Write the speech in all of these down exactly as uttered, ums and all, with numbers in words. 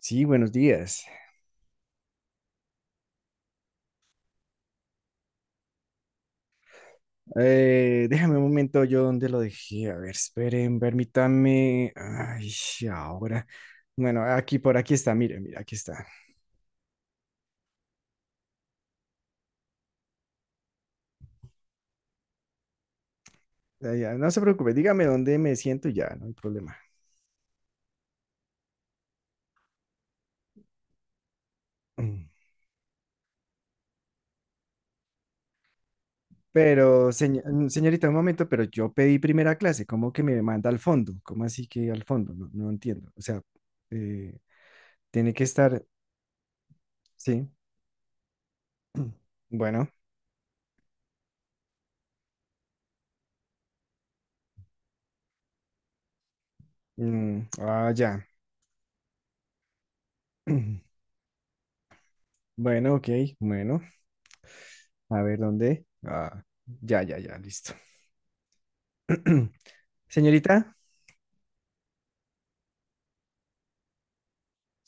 Sí, buenos días. Eh, déjame un momento, yo dónde lo dejé. A ver, esperen, permítame. Ay, ahora. Bueno, aquí, por aquí está, mire, mira, aquí está. Ya, ya, no se preocupe, dígame dónde me siento y ya, no hay problema. Mm. Pero, señ- mm, señorita, un momento, pero yo pedí primera clase, ¿cómo que me manda al fondo? ¿Cómo así que al fondo? No, no entiendo. O sea, eh, tiene que estar, sí. Bueno, mm, ah, ya. Bueno, ok, bueno. A ver, ¿dónde? Ah, ya, ya, ya, listo. Señorita,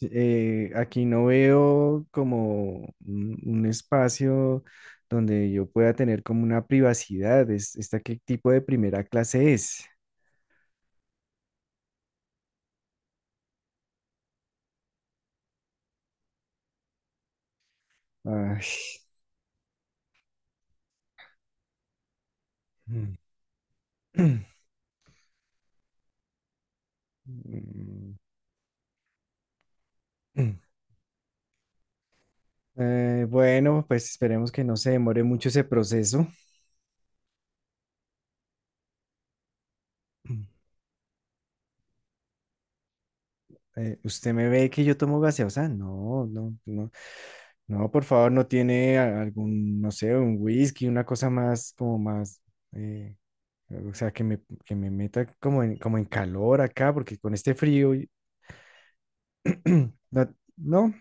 eh, aquí no veo como un, un espacio donde yo pueda tener como una privacidad. Es, ¿esta qué tipo de primera clase es? Ay, mm, mm. mm. Eh, bueno, pues esperemos que no se demore mucho ese proceso. Mm. Eh, ¿usted me ve que yo tomo gaseosa? No, no, no. No, por favor, no tiene a- algún, no sé, un whisky, una cosa más, como más, eh, o sea, que me, que me meta como en, como en calor acá, porque con este frío, y- no, no,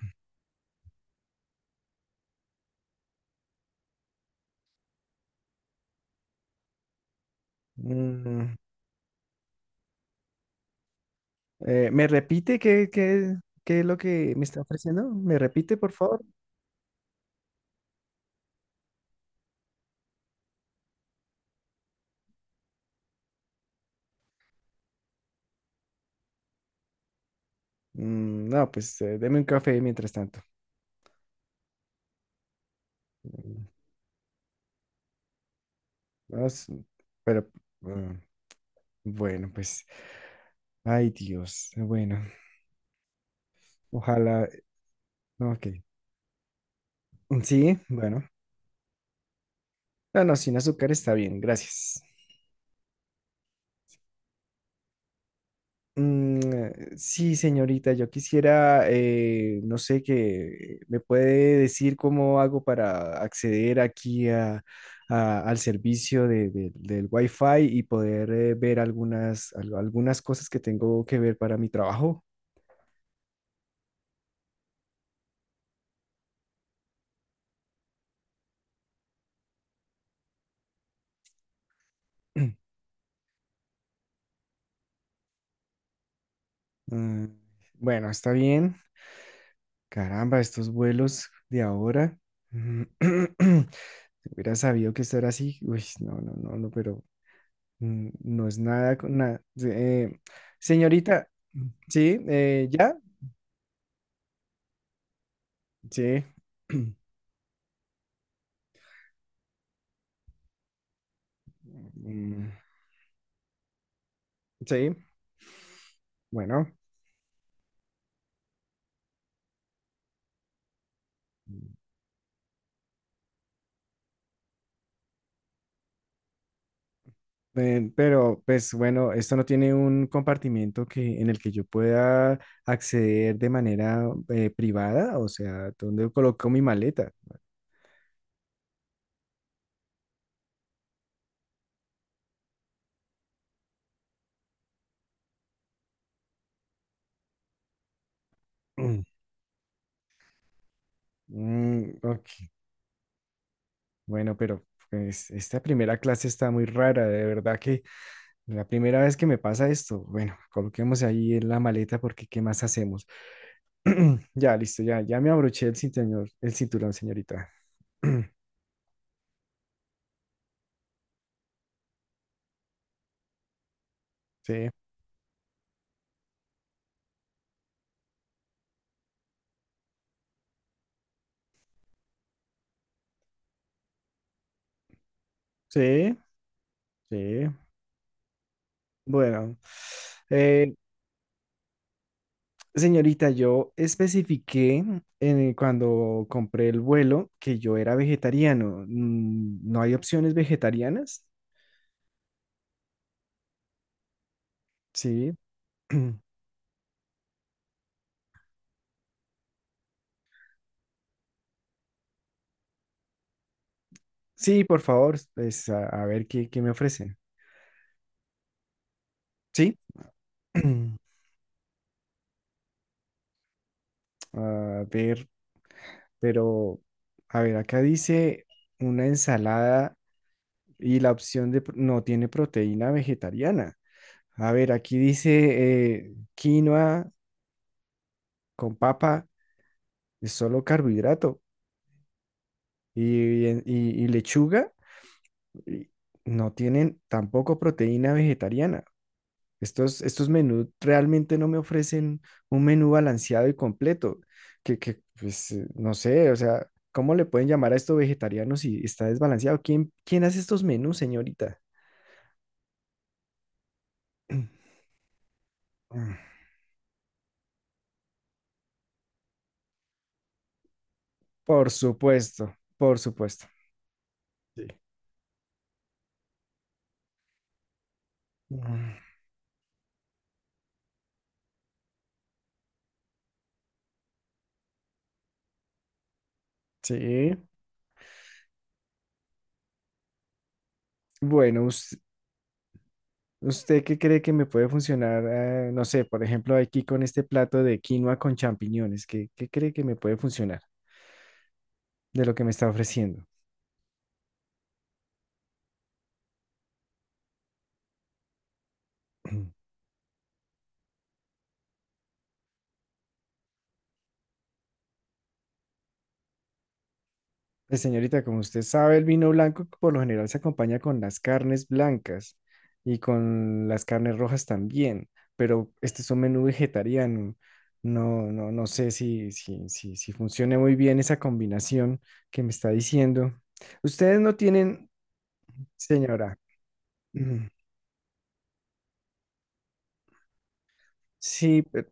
mm, eh, ¿me repite qué, qué, qué es lo que me está ofreciendo? ¿Me repite, por favor? Mm, no, pues eh, deme un café mientras tanto. Mm, no es- pero, mm, bueno, pues, ay Dios, bueno, ojalá, ok, sí, bueno. No, no, sin azúcar está bien, gracias. Mm, sí, señorita, yo quisiera, eh, no sé, que me puede decir cómo hago para acceder aquí a- a- al servicio de- de- del Wi-Fi y poder eh, ver algunas, al- algunas cosas que tengo que ver para mi trabajo. Mm, bueno, está bien. Caramba, estos vuelos de ahora. Si hubiera sabido que esto era así, uy, no, no, no, no, pero mm, no es nada con nada. Sí, eh, señorita, sí, eh, ya, sí. Mm, sí, bueno, eh, pero pues bueno, esto no tiene un compartimiento que, en el que yo pueda acceder de manera eh, privada, o sea, ¿dónde coloco mi maleta? Mm, mm, ok, bueno, pero pues esta primera clase está muy rara, de verdad que la primera vez que me pasa esto, bueno, coloquemos ahí en la maleta porque ¿qué más hacemos? Ya, listo, ya, ya me abroché el cinturón, el cinturón, señorita. Sí, sí, sí. Bueno, eh, señorita, yo especifiqué en- cuando compré el vuelo que yo era vegetariano. Mm, ¿No hay opciones vegetarianas? Sí. Sí, por favor, pues a, a ver qué, qué me ofrecen. Sí. A ver, pero, a ver, acá dice una ensalada. Y la opción de, pr- no tiene proteína vegetariana. A ver, aquí dice eh, quinoa con papa, es solo carbohidrato. Y, y- y lechuga y no tienen tampoco proteína vegetariana. Estos, estos menús realmente no me ofrecen un menú balanceado y completo. Que, que, pues, eh, no sé, o sea, ¿cómo le pueden llamar a esto vegetariano si está desbalanceado? ¿Quién, ¿quién hace estos menús, señorita? Por supuesto, por supuesto. Sí. Mm, sí, bueno, us- ¿usted qué cree que me puede funcionar? eh, no sé, por ejemplo, aquí con este plato de quinoa con champiñones, ¿qué, ¿qué cree que me puede funcionar de lo que me está ofreciendo? Pues señorita, como usted sabe, el vino blanco por lo general se acompaña con las carnes blancas y con las carnes rojas también, pero este es un menú vegetariano. No, no, no sé si, si, si, si funcione muy bien esa combinación que me está diciendo. Ustedes no tienen. Señora, mm, sí, pe-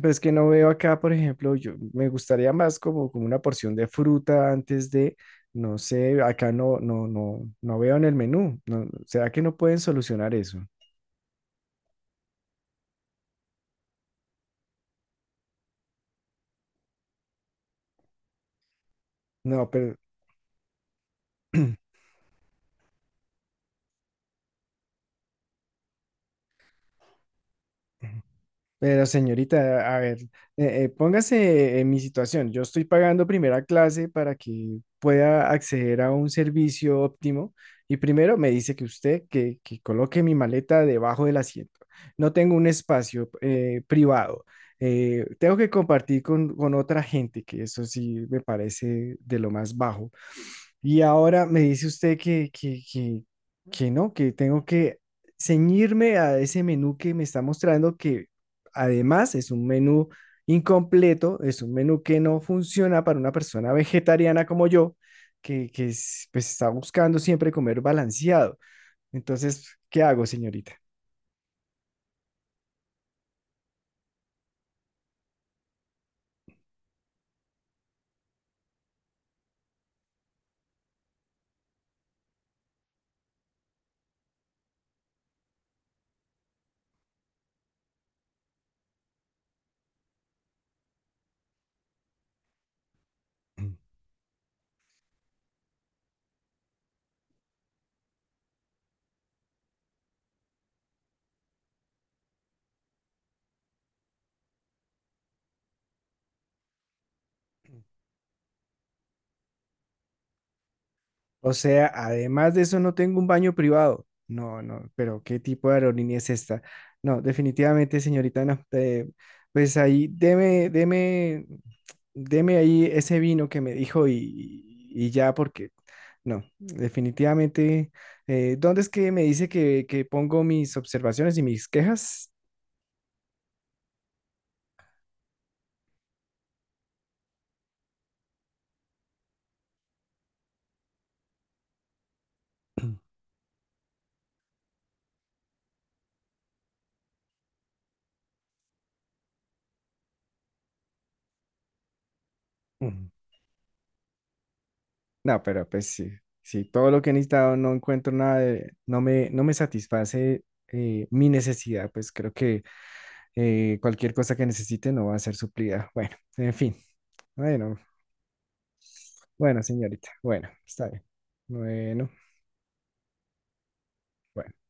pues que no veo acá, por ejemplo, yo me gustaría más como, como una porción de fruta antes de, no sé, acá no, no, no, no veo en el menú. No, ¿será que no pueden solucionar eso? No, pero pero señorita, a ver, eh, eh, póngase en mi situación. Yo estoy pagando primera clase para que pueda acceder a un servicio óptimo y primero me dice que usted que, que coloque mi maleta debajo del asiento. No tengo un espacio eh, privado. Eh, tengo que compartir con, con otra gente, que eso sí me parece de lo más bajo. Y ahora me dice usted que, que, que, que no, que tengo que ceñirme a ese menú que me está mostrando que, además, es un menú incompleto, es un menú que no funciona para una persona vegetariana como yo, que, que es- pues, está buscando siempre comer balanceado. Entonces, ¿qué hago, señorita? O sea, además de eso no tengo un baño privado. No, no, pero ¿qué tipo de aerolínea es esta? No, definitivamente, señorita, no. eh, pues ahí, deme, deme, deme ahí ese vino que me dijo y, y ya, porque no, definitivamente. eh, ¿dónde es que me dice que, que pongo mis observaciones y mis quejas? Mm. No, pero pues sí, sí, todo lo que he necesitado no encuentro nada de, no me, no me satisface eh, mi necesidad, pues creo que eh, cualquier cosa que necesite no va a ser suplida. Bueno, en fin. Bueno, bueno, señorita. Bueno, está bien. Bueno, bueno.